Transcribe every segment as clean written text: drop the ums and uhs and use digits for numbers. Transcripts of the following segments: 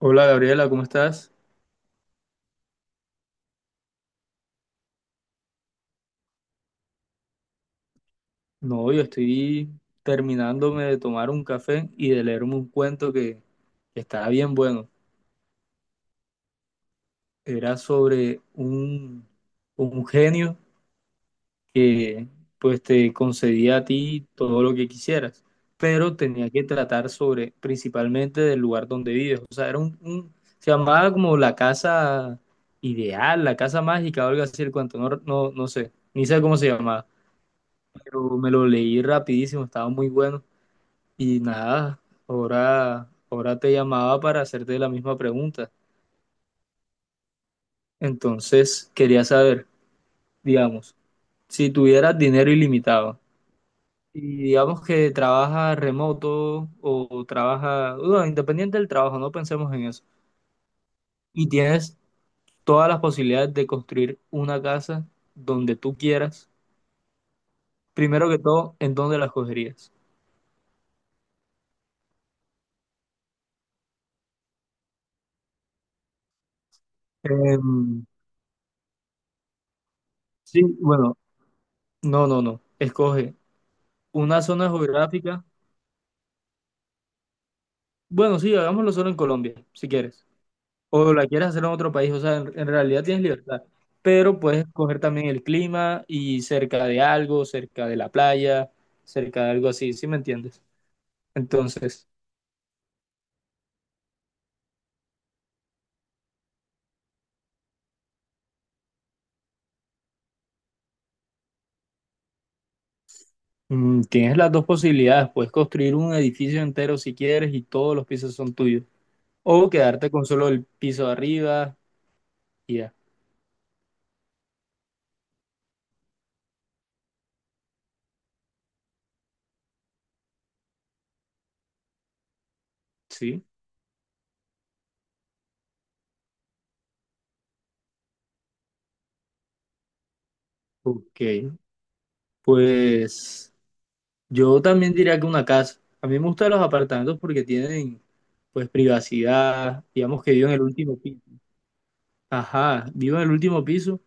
Hola Gabriela, ¿cómo estás? No, yo estoy terminándome de tomar un café y de leerme un cuento que estaba bien bueno. Era sobre un genio que pues te concedía a ti todo lo que quisieras, pero tenía que tratar sobre principalmente del lugar donde vives. O sea, era se llamaba como la casa ideal, la casa mágica, o algo así el cuento, no, no, no sé, ni sé cómo se llamaba, pero me lo leí rapidísimo, estaba muy bueno. Y nada, ahora te llamaba para hacerte la misma pregunta. Entonces, quería saber, digamos, si tuvieras dinero ilimitado y digamos que trabajas remoto o trabajas, bueno, independiente del trabajo, no pensemos en eso, y tienes todas las posibilidades de construir una casa donde tú quieras, primero que todo, ¿en dónde la escogerías? Em, sí, bueno, no, no, no, escoge una zona geográfica. Bueno, sí, hagámoslo solo en Colombia, si quieres. O la quieres hacer en otro país, o sea, en realidad tienes libertad. Pero puedes escoger también el clima y cerca de algo, cerca de la playa, cerca de algo así, ¿sí me entiendes? Entonces, tienes las dos posibilidades. Puedes construir un edificio entero si quieres y todos los pisos son tuyos. O quedarte con solo el piso de arriba y ya. Sí, ok. Pues yo también diría que una casa. A mí me gustan los apartamentos porque tienen pues privacidad, digamos que vivo en el último piso. Ajá, vivo en el último piso,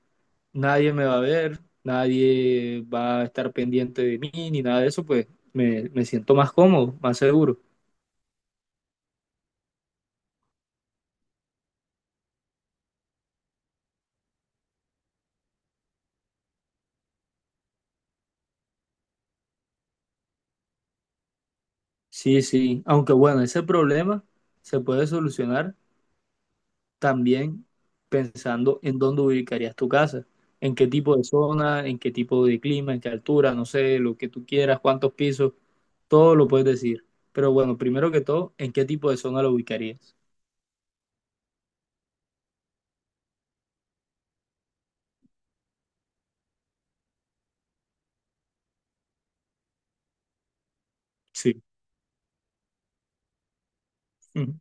nadie me va a ver, nadie va a estar pendiente de mí ni nada de eso, pues me siento más cómodo, más seguro. Sí, sí, aunque bueno, ese problema se puede solucionar también pensando en dónde ubicarías tu casa, en qué tipo de zona, en qué tipo de clima, en qué altura, no sé, lo que tú quieras, cuántos pisos, todo lo puedes decir. Pero bueno, primero que todo, ¿en qué tipo de zona lo ubicarías? Sí. Ujú,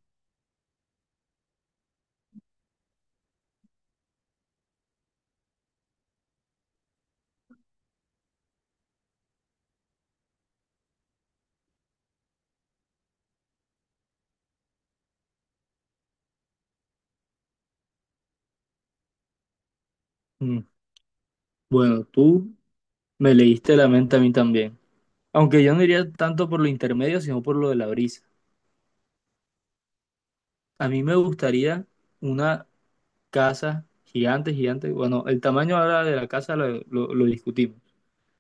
ujú. Bueno, tú me leíste la mente a mí también. Aunque yo no iría tanto por lo intermedio, sino por lo de la brisa. A mí me gustaría una casa gigante, gigante. Bueno, el tamaño ahora de la casa lo discutimos,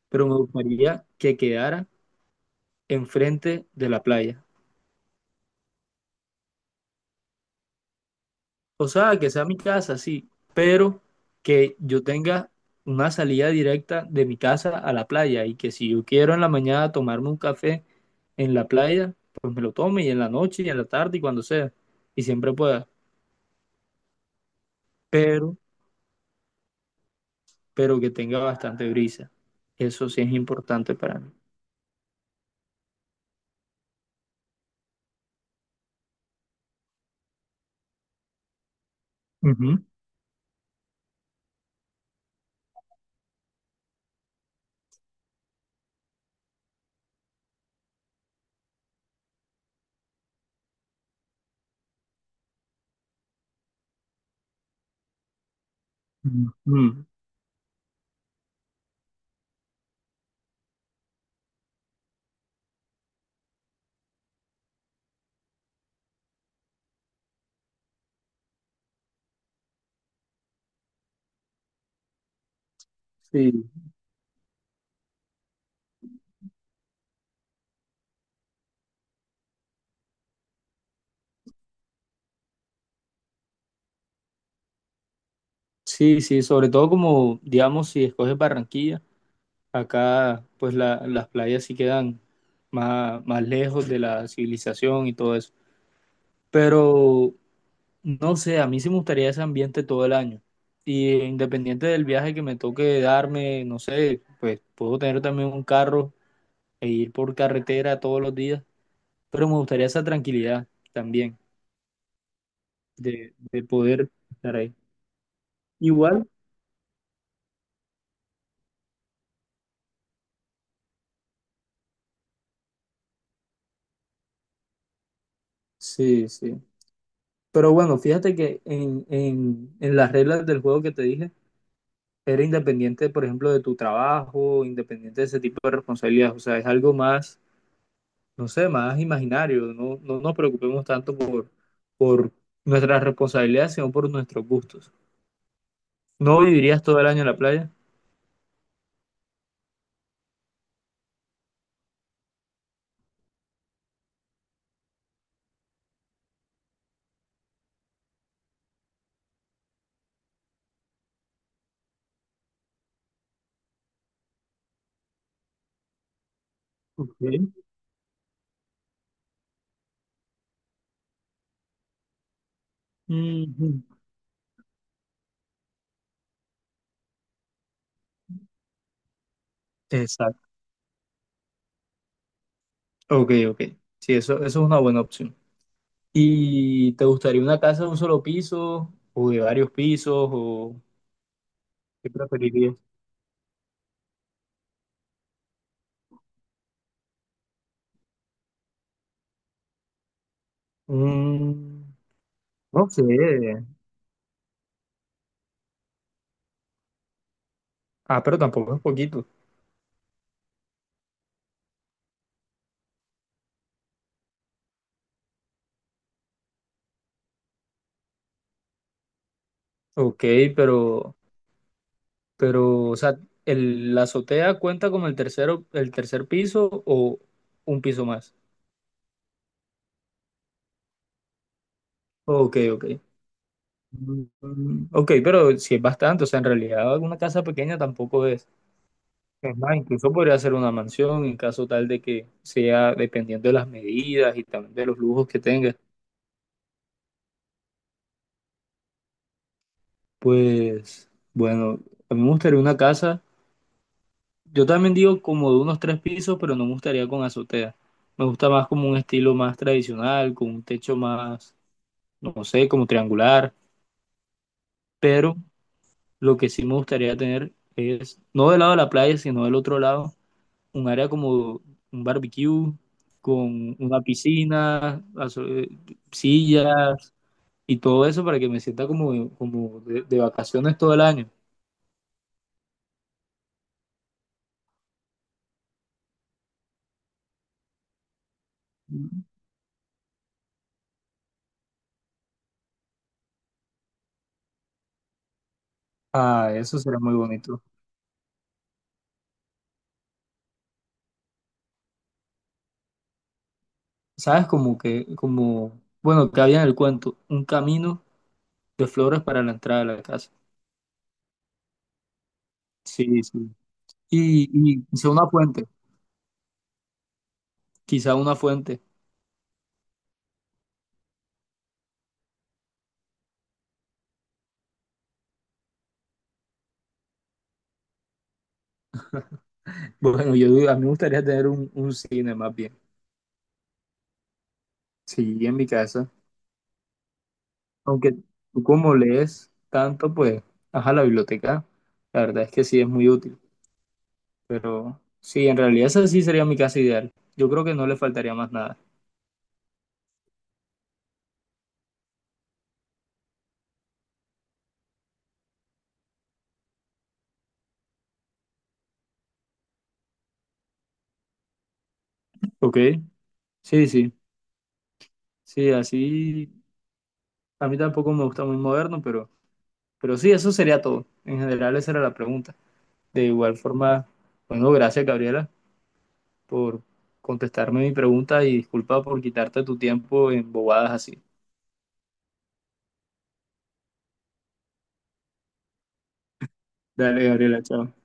pero me gustaría que quedara enfrente de la playa. O sea, que sea mi casa, sí, pero que yo tenga una salida directa de mi casa a la playa y que si yo quiero en la mañana tomarme un café en la playa, pues me lo tome y en la noche y en la tarde y cuando sea y siempre pueda, pero, pero que tenga bastante brisa. Eso sí es importante para mí. Ujú. Ujú. Sí, sí, sí, sobre todo como, digamos, si escoges Barranquilla. Acá, pues las playas sí quedan más, más lejos de la civilización y todo eso. Pero no sé, a mí sí me gustaría ese ambiente todo el año. Y independiente del viaje que me toque darme, no sé, pues puedo tener también un carro e ir por carretera todos los días. Pero me gustaría esa tranquilidad también de poder estar ahí. Igual. Sí, sí. Pero bueno, fíjate que en las reglas del juego que te dije, era independiente, por ejemplo, de tu trabajo, independiente de ese tipo de responsabilidades. O sea, es algo más, no sé, más imaginario. No, no nos preocupemos tanto por nuestras responsabilidades, sino por nuestros gustos. ¿No vivirías todo el año en la playa? Ok. Ujú. Exacto. Ok, ok. Sí, eso es una buena opción. ¿Y te gustaría una casa de un solo piso o de varios pisos o qué preferirías? Mm, no sé. Ah, pero tampoco es poquito. Ok, pero Pero, o sea, el, ¿la azotea cuenta como el tercero, el tercer piso o un piso más? Ok, ok. Mm, ok, pero si es bastante, o sea, en realidad una casa pequeña tampoco es. Es más, incluso podría ser una mansión en caso tal de que sea dependiendo de las medidas y también de los lujos que tenga. Pues, bueno, a mí me gustaría una casa. Yo también digo como de unos tres pisos, pero no me gustaría con azotea. Me gusta más como un estilo más tradicional, con un techo más no sé, como triangular, pero lo que sí me gustaría tener es, no del lado de la playa, sino del otro lado, un área como un barbecue, con una piscina, sillas y todo eso para que me sienta como, como de vacaciones todo el año. Ah, eso será muy bonito. ¿Sabes? Como que, como, bueno, que había en el cuento, un camino de flores para la entrada de la casa. Sí, sí. Y quizá una fuente, quizá una fuente. Bueno, yo a mí me gustaría tener un cine más bien, sí, en mi casa. Aunque tú como lees tanto, pues, ajá, la biblioteca, la verdad es que sí es muy útil. Pero sí, en realidad esa sí sería mi casa ideal. Yo creo que no le faltaría más nada. ¿Ok? Sí, sí, sí, así. A mí tampoco me gusta muy moderno, pero sí, eso sería todo. En general, esa era la pregunta. De igual forma, bueno, gracias, Gabriela, por contestarme mi pregunta y disculpa por quitarte tu tiempo en bobadas así. Dale, Gabriela, chao.